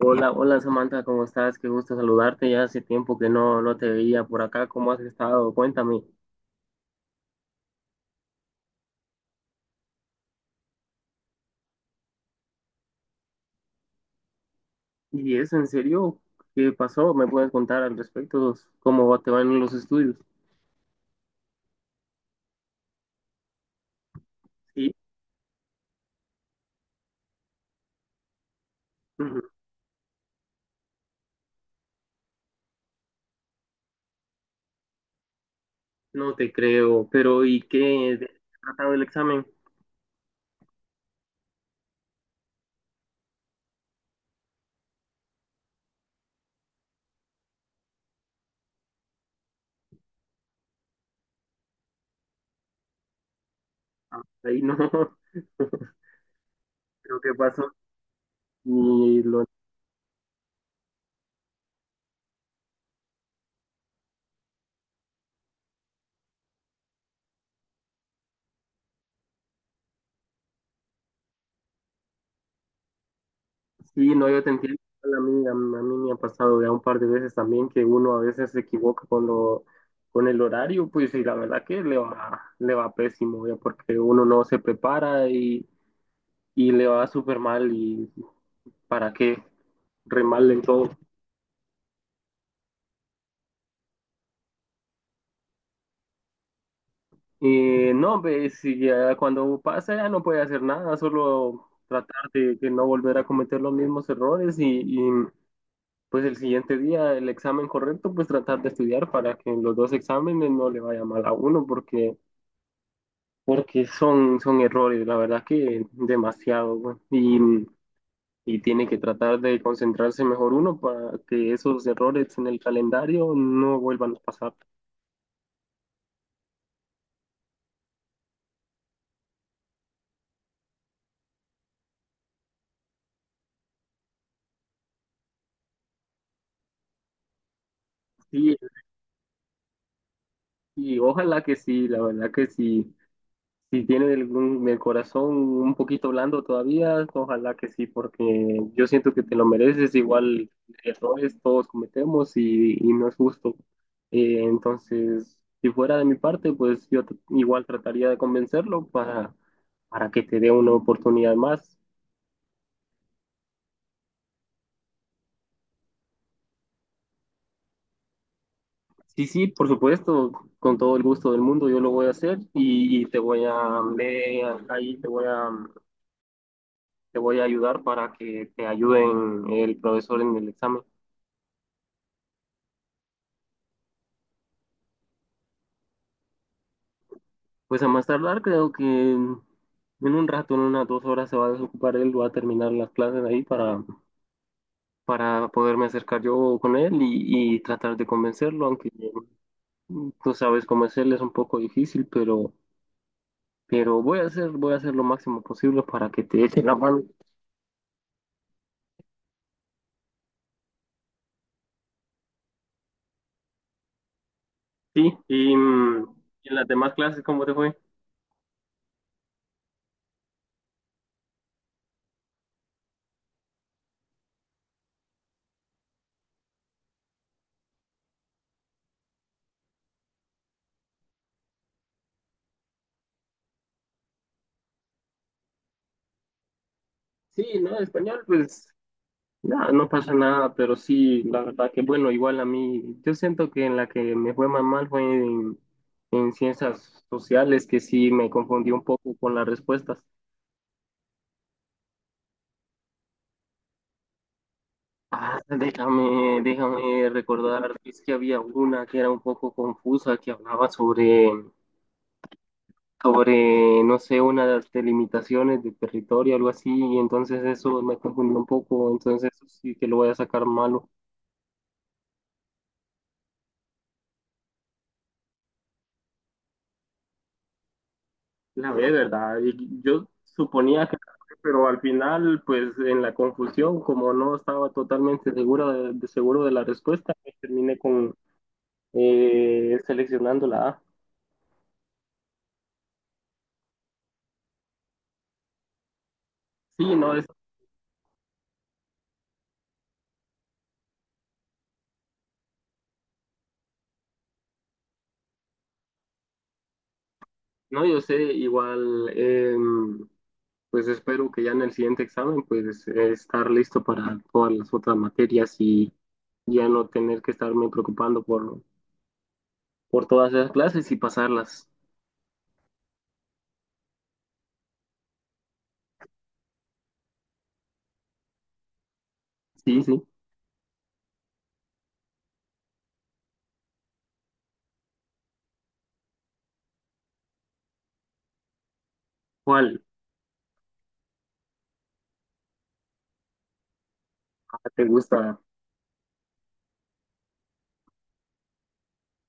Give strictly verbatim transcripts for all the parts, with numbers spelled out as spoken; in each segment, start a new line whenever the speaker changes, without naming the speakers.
Hola, hola Samantha, ¿cómo estás? Qué gusto saludarte. Ya hace tiempo que no, no te veía por acá. ¿Cómo has estado? Cuéntame. ¿Y eso en serio? ¿Qué pasó? ¿Me puedes contar al respecto? ¿Cómo te van los estudios? Sí, ujú, no te creo. Pero ¿y qué? ¿De- ¿Tratado el examen? Ah, ahí no. ¿Pero qué pasó? ¿Y lo Sí, no, yo te entiendo. A mí, a, mí a mí me ha pasado ya un par de veces también que uno a veces se equivoca con lo, con el horario, pues y la verdad que le va, le va pésimo, ya porque uno no se prepara y, y le va súper mal y para qué, re mal en todo. Eh, no, pues si ya cuando pasa ya no puede hacer nada, solo tratar de, de no volver a cometer los mismos errores y, y pues el siguiente día el examen correcto, pues tratar de estudiar para que en los dos exámenes no le vaya mal a uno, porque, porque son, son errores, la verdad que demasiado, güey. Y, y tiene que tratar de concentrarse mejor uno para que esos errores en el calendario no vuelvan a pasar. Sí, y ojalá que sí, la verdad que sí. Si tiene algún, el corazón un poquito blando todavía, ojalá que sí, porque yo siento que te lo mereces. Igual errores todos cometemos y, y no es justo. Eh, entonces, si fuera de mi parte, pues yo t- igual trataría de convencerlo para, para que te dé una oportunidad más. Sí, sí, por supuesto, con todo el gusto del mundo yo lo voy a hacer y, y te voy a, ve ahí te voy a, te voy a ayudar para que te ayuden el profesor en el examen. Pues a más tardar, creo que en un rato, en unas dos horas se va a desocupar él, va a terminar las clases ahí para, para poderme acercar yo con él y, y tratar de convencerlo, aunque tú sabes cómo es él, es un poco difícil, pero, pero voy a hacer, voy a hacer lo máximo posible para que te eche la mano. Sí, y, mm, en las demás clases, ¿cómo te fue? Sí, no, español, pues no, no pasa nada, pero sí, la verdad que bueno, igual a mí, yo siento que en la que me fue más mal fue en, en ciencias sociales, que sí me confundí un poco con las respuestas. Ah, déjame, déjame recordar, es que había una que era un poco confusa, que hablaba sobre, sobre, no sé, una de las delimitaciones de territorio, algo así, y entonces eso me confundió un poco, entonces eso sí que lo voy a sacar malo. La B, ¿verdad? Y yo suponía que, la B, pero al final, pues en la confusión, como no estaba totalmente segura de, de- seguro de la respuesta, pues, terminé con eh, seleccionando la A. Sí, no, es, no, yo sé, igual, em, pues espero que ya en el siguiente examen, pues eh, estar listo para todas las otras materias y ya no tener que estarme preocupando por, por todas esas clases y pasarlas. Sí, sí. ¿Cuál Ah, ¿te gusta?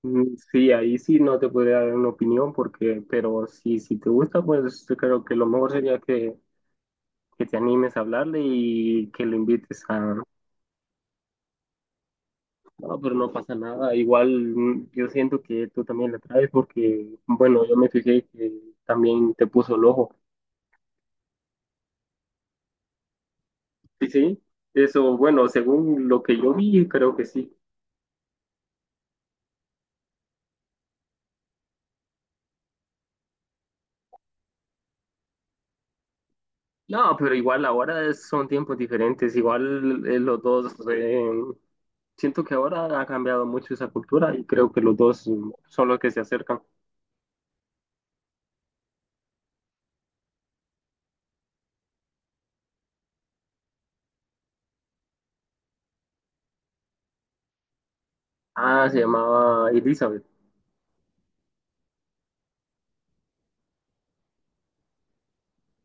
Mm, sí, ahí sí no te podría dar una opinión porque, pero si, si te gusta, pues yo creo que lo mejor sería que, que te animes a hablarle y que lo invites a... No, pero no pasa nada. Igual mm, yo siento que tú también le traes porque, bueno, yo me fijé que también te puso el ojo. Sí, sí. Eso, bueno, según lo que yo vi, creo que sí. No, pero igual ahora es- son tiempos diferentes, igual eh, los dos, eh, siento que ahora ha cambiado mucho esa cultura y creo que los dos mm, son los que se acercan. Ah, se llamaba Elizabeth.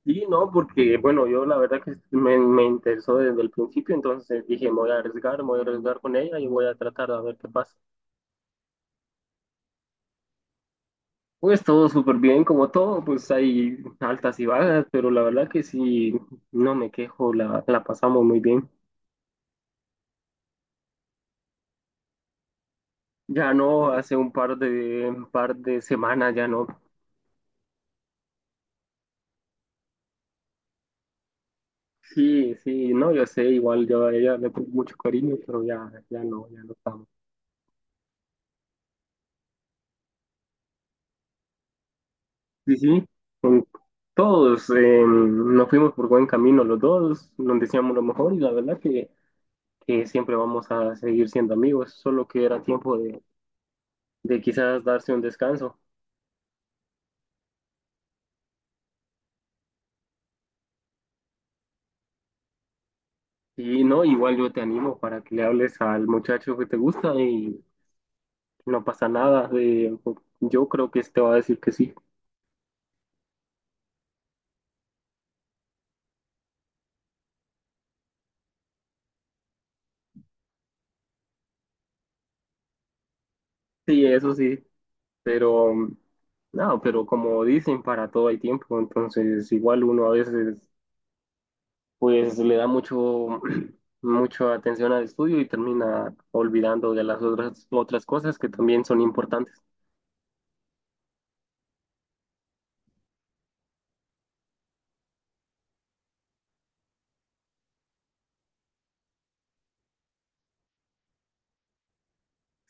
Sí, no, porque bueno, yo la verdad que me, me interesó desde el principio, entonces dije, me voy a arriesgar, me voy a arriesgar con ella y voy a tratar de ver qué pasa. Pues todo súper bien, como todo, pues hay altas y bajas, pero la verdad que sí, no me quejo, la, la pasamos muy bien. Ya no, hace un par de, un par de semanas ya no. Sí, sí, no, yo sé, igual yo a ella le tengo mucho cariño, pero ya, ya no, ya no estamos. Sí, sí, con todos eh, nos fuimos por buen camino los dos, nos decíamos lo mejor y la verdad que, que siempre vamos a seguir siendo amigos, solo que era tiempo de, de quizás darse un descanso. Y no, igual yo te animo para que le hables al muchacho que te gusta y no pasa nada, eh, yo creo que te va a decir que sí. Sí, eso sí. Pero, no, pero como dicen, para todo hay tiempo, entonces igual uno a veces pues le da mucho, mucha atención al estudio y termina olvidando de las otras, otras cosas que también son importantes.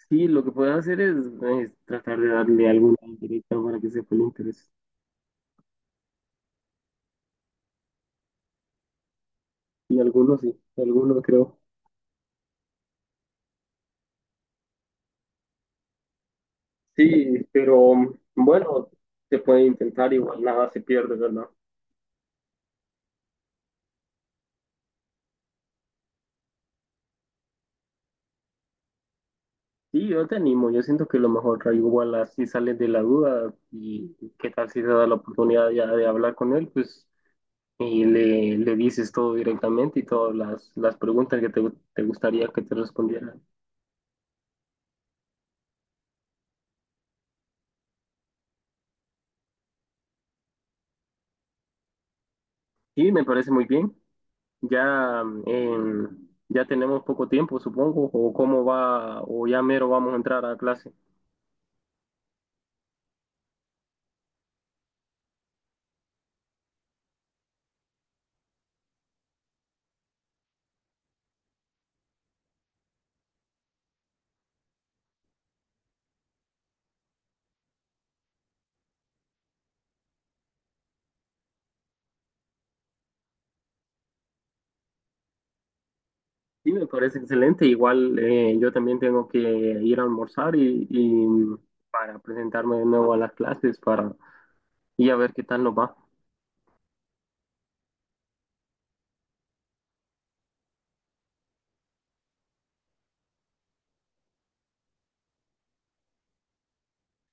Sí, lo que puedes hacer es, es tratar de darle alguna indirecta para que sepa el interés. Y algunos sí, algunos creo. Sí, pero bueno, se puede intentar, igual nada se pierde, ¿verdad? Sí, yo te animo, yo siento que lo mejor, Rayo, igual así sales de la duda y qué tal si te da la oportunidad ya de hablar con él, pues y le, le dices todo directamente y todas las, las preguntas que te, te gustaría que te respondieran. Sí, me parece muy bien. Ya, eh, ya tenemos poco tiempo, supongo, o cómo va, o ya mero vamos a entrar a clase. Sí, me parece excelente. Igual eh, yo también tengo que ir a almorzar y, y para presentarme de nuevo a las clases para y a ver qué tal nos va.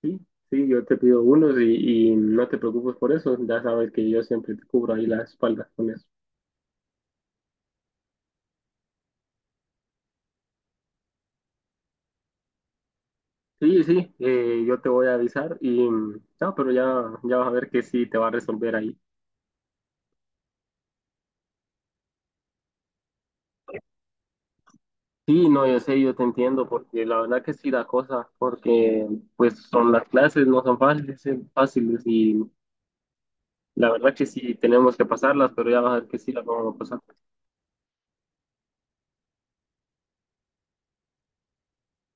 Sí, sí, yo te pido unos y, y no te preocupes por eso, ya sabes que yo siempre te cubro ahí la espalda con eso. Sí, sí, eh, yo te voy a avisar y mm, no, pero ya, ya vas a ver que sí te va a resolver ahí. Sí, no, yo sé, yo te entiendo, porque la verdad que sí da cosa, porque pues son las clases, no son fáciles, eh, fáciles y la verdad que sí tenemos que pasarlas, pero ya vas a ver que sí las vamos a pasar.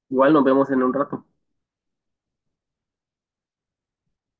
Igual nos vemos en un rato.